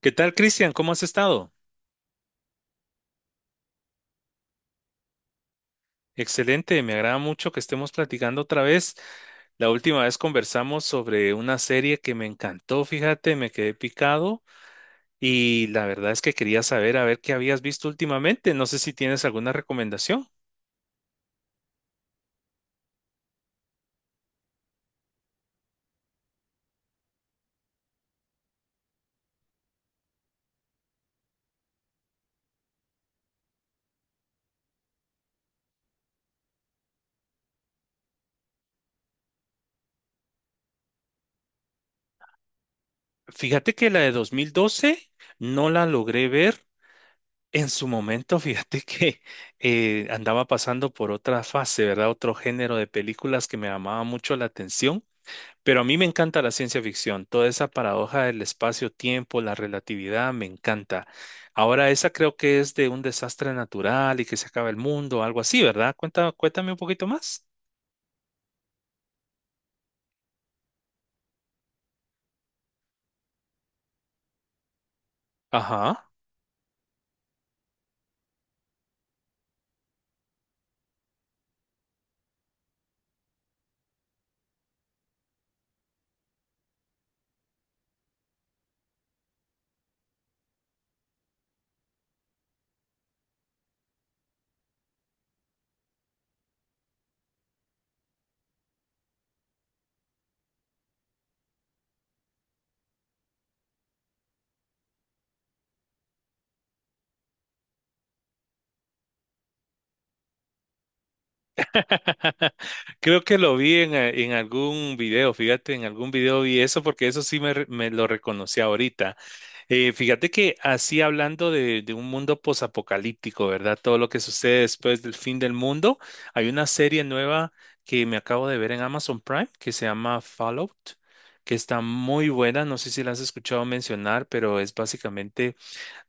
¿Qué tal, Cristian? ¿Cómo has estado? Excelente, me agrada mucho que estemos platicando otra vez. La última vez conversamos sobre una serie que me encantó, fíjate, me quedé picado y la verdad es que quería saber a ver qué habías visto últimamente. No sé si tienes alguna recomendación. Fíjate que la de 2012 no la logré ver en su momento. Fíjate que andaba pasando por otra fase, ¿verdad? Otro género de películas que me llamaba mucho la atención. Pero a mí me encanta la ciencia ficción, toda esa paradoja del espacio-tiempo, la relatividad, me encanta. Ahora, esa creo que es de un desastre natural y que se acaba el mundo, algo así, ¿verdad? Cuenta, cuéntame un poquito más. Ajá. Creo que lo vi en algún video, fíjate, en algún video vi eso porque eso sí me, me lo reconocí ahorita. Fíjate que así hablando de un mundo posapocalíptico, ¿verdad? Todo lo que sucede después del fin del mundo. Hay una serie nueva que me acabo de ver en Amazon Prime que se llama Fallout, que está muy buena. No sé si la has escuchado mencionar, pero es básicamente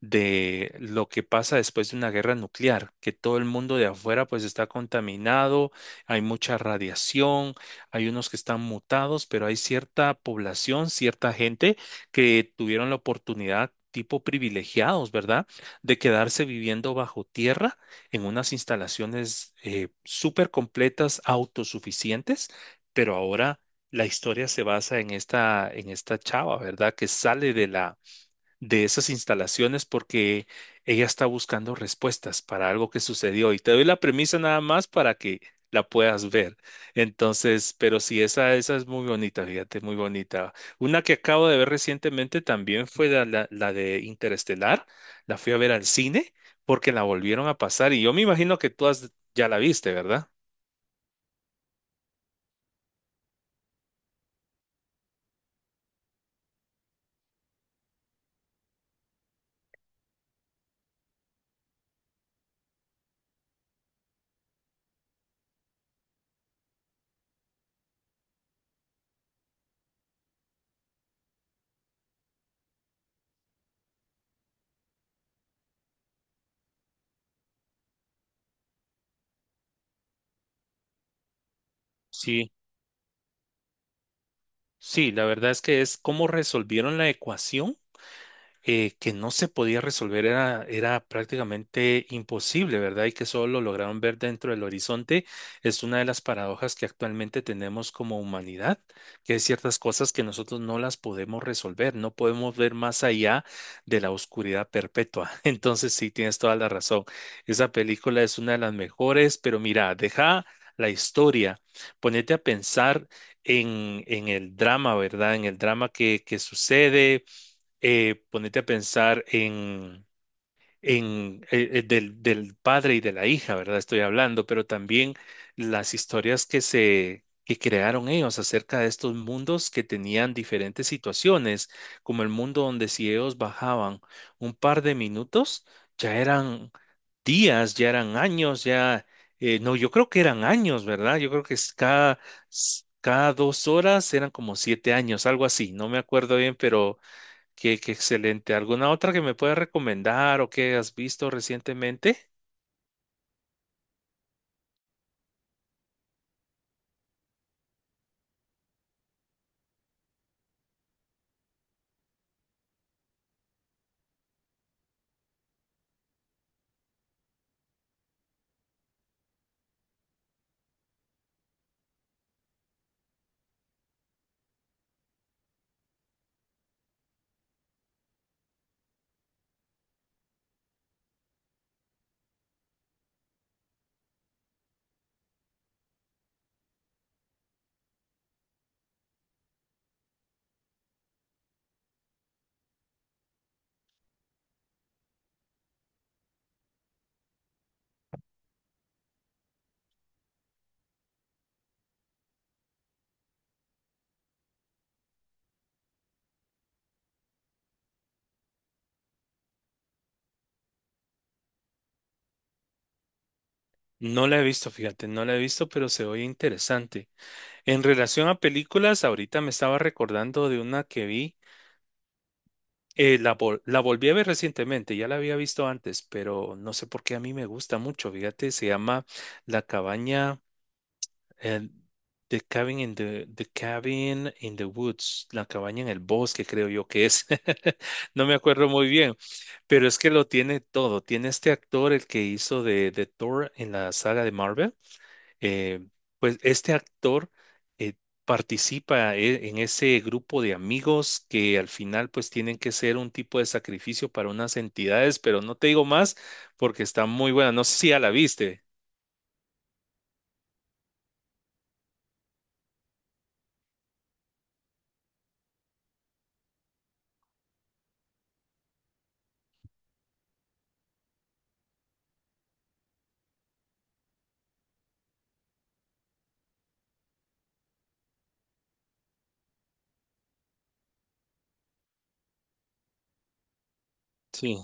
de lo que pasa después de una guerra nuclear, que todo el mundo de afuera pues está contaminado, hay mucha radiación, hay unos que están mutados, pero hay cierta población, cierta gente que tuvieron la oportunidad tipo privilegiados, ¿verdad? De quedarse viviendo bajo tierra en unas instalaciones súper completas, autosuficientes, pero ahora la historia se basa en esta chava, ¿verdad? Que sale de la de esas instalaciones porque ella está buscando respuestas para algo que sucedió, y te doy la premisa nada más para que la puedas ver. Entonces, pero sí, esa es muy bonita, fíjate, muy bonita. Una que acabo de ver recientemente también fue la de Interestelar, la fui a ver al cine porque la volvieron a pasar y yo me imagino que tú ya la viste, ¿verdad? Sí, sí, la verdad es que es cómo resolvieron la ecuación que no se podía resolver, era, era prácticamente imposible, ¿verdad? Y que solo lo lograron ver dentro del horizonte, es una de las paradojas que actualmente tenemos como humanidad, que hay ciertas cosas que nosotros no las podemos resolver, no podemos ver más allá de la oscuridad perpetua. Entonces, sí, tienes toda la razón. Esa película es una de las mejores, pero mira, deja la historia, ponete a pensar en el drama, ¿verdad? En el drama que sucede. Ponete a pensar en del, del padre y de la hija, ¿verdad? Estoy hablando, pero también las historias que se que crearon ellos acerca de estos mundos que tenían diferentes situaciones, como el mundo donde si ellos bajaban un par de minutos, ya eran días, ya eran años, ya, no, yo creo que eran años, ¿verdad? Yo creo que es cada, cada 2 horas eran como 7 años, algo así, no me acuerdo bien, pero qué, qué excelente. ¿Alguna otra que me puedas recomendar o que has visto recientemente? No la he visto, fíjate, no la he visto, pero se oye interesante. En relación a películas, ahorita me estaba recordando de una que vi, la, la volví a ver recientemente, ya la había visto antes, pero no sé por qué a mí me gusta mucho, fíjate, se llama La cabaña. El, the cabin in the, the cabin in the woods, la cabaña en el bosque, creo yo que es. No me acuerdo muy bien, pero es que lo tiene todo. Tiene este actor, el que hizo de Thor en la saga de Marvel. eh, pues este actor eh, participa en ese grupo de amigos que al final pues tienen que ser un tipo de sacrificio para unas entidades, pero no te digo más porque está muy buena. No sé si ya la viste. Sí.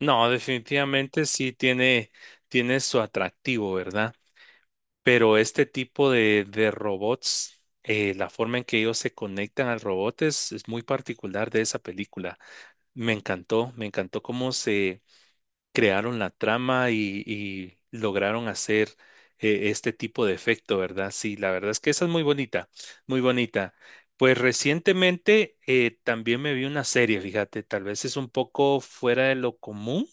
No, definitivamente sí tiene, tiene su atractivo, ¿verdad? Pero este tipo de robots, la forma en que ellos se conectan al robot es muy particular de esa película. Me encantó cómo se crearon la trama y lograron hacer este tipo de efecto, ¿verdad? Sí, la verdad es que esa es muy bonita, muy bonita. Pues recientemente también me vi una serie, fíjate, tal vez es un poco fuera de lo común,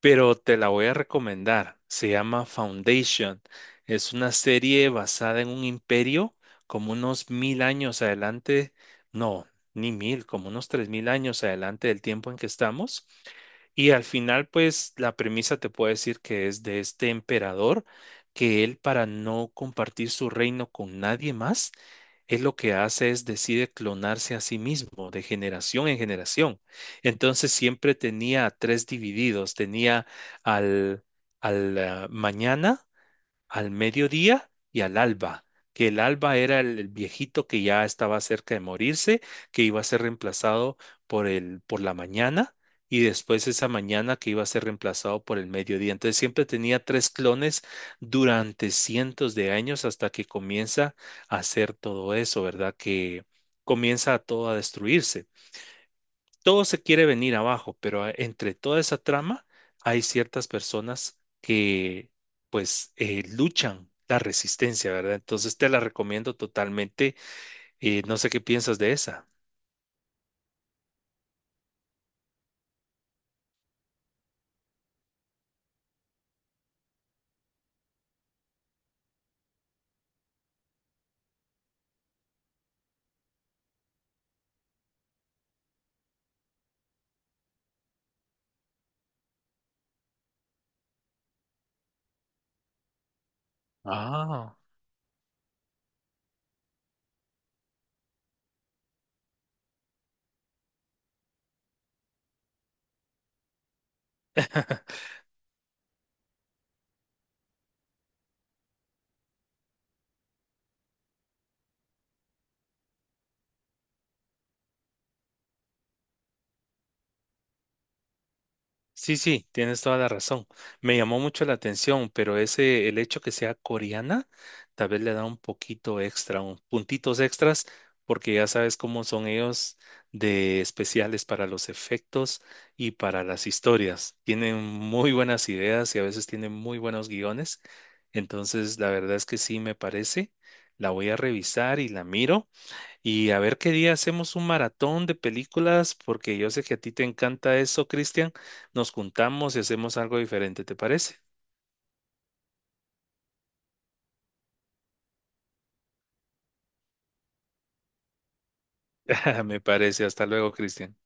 pero te la voy a recomendar. Se llama Foundation. Es una serie basada en un imperio como unos 1000 años adelante, no, ni mil, como unos 3000 años adelante del tiempo en que estamos. Y al final, pues la premisa te puedo decir que es de este emperador, que él, para no compartir su reino con nadie más, él lo que hace es decide clonarse a sí mismo de generación en generación. Entonces siempre tenía a tres divididos. Tenía al, al mañana, al mediodía y al alba. Que el alba era el viejito que ya estaba cerca de morirse, que iba a ser reemplazado por el, por la mañana. Y después esa mañana que iba a ser reemplazado por el mediodía. Entonces siempre tenía tres clones durante cientos de años hasta que comienza a hacer todo eso, ¿verdad? Que comienza todo a destruirse, todo se quiere venir abajo, pero entre toda esa trama hay ciertas personas que pues luchan la resistencia, ¿verdad? Entonces te la recomiendo totalmente. No sé qué piensas de esa. Ah. Sí, sí, tienes toda la razón. Me llamó mucho la atención, pero ese, el hecho que sea coreana, tal vez le da un poquito extra, un puntitos extras, porque ya sabes cómo son ellos de especiales para los efectos y para las historias. Tienen muy buenas ideas y a veces tienen muy buenos guiones. Entonces, la verdad es que sí me parece. La voy a revisar y la miro. Y a ver qué día hacemos un maratón de películas, porque yo sé que a ti te encanta eso, Cristian. Nos juntamos y hacemos algo diferente, ¿te parece? Me parece. Hasta luego, Cristian.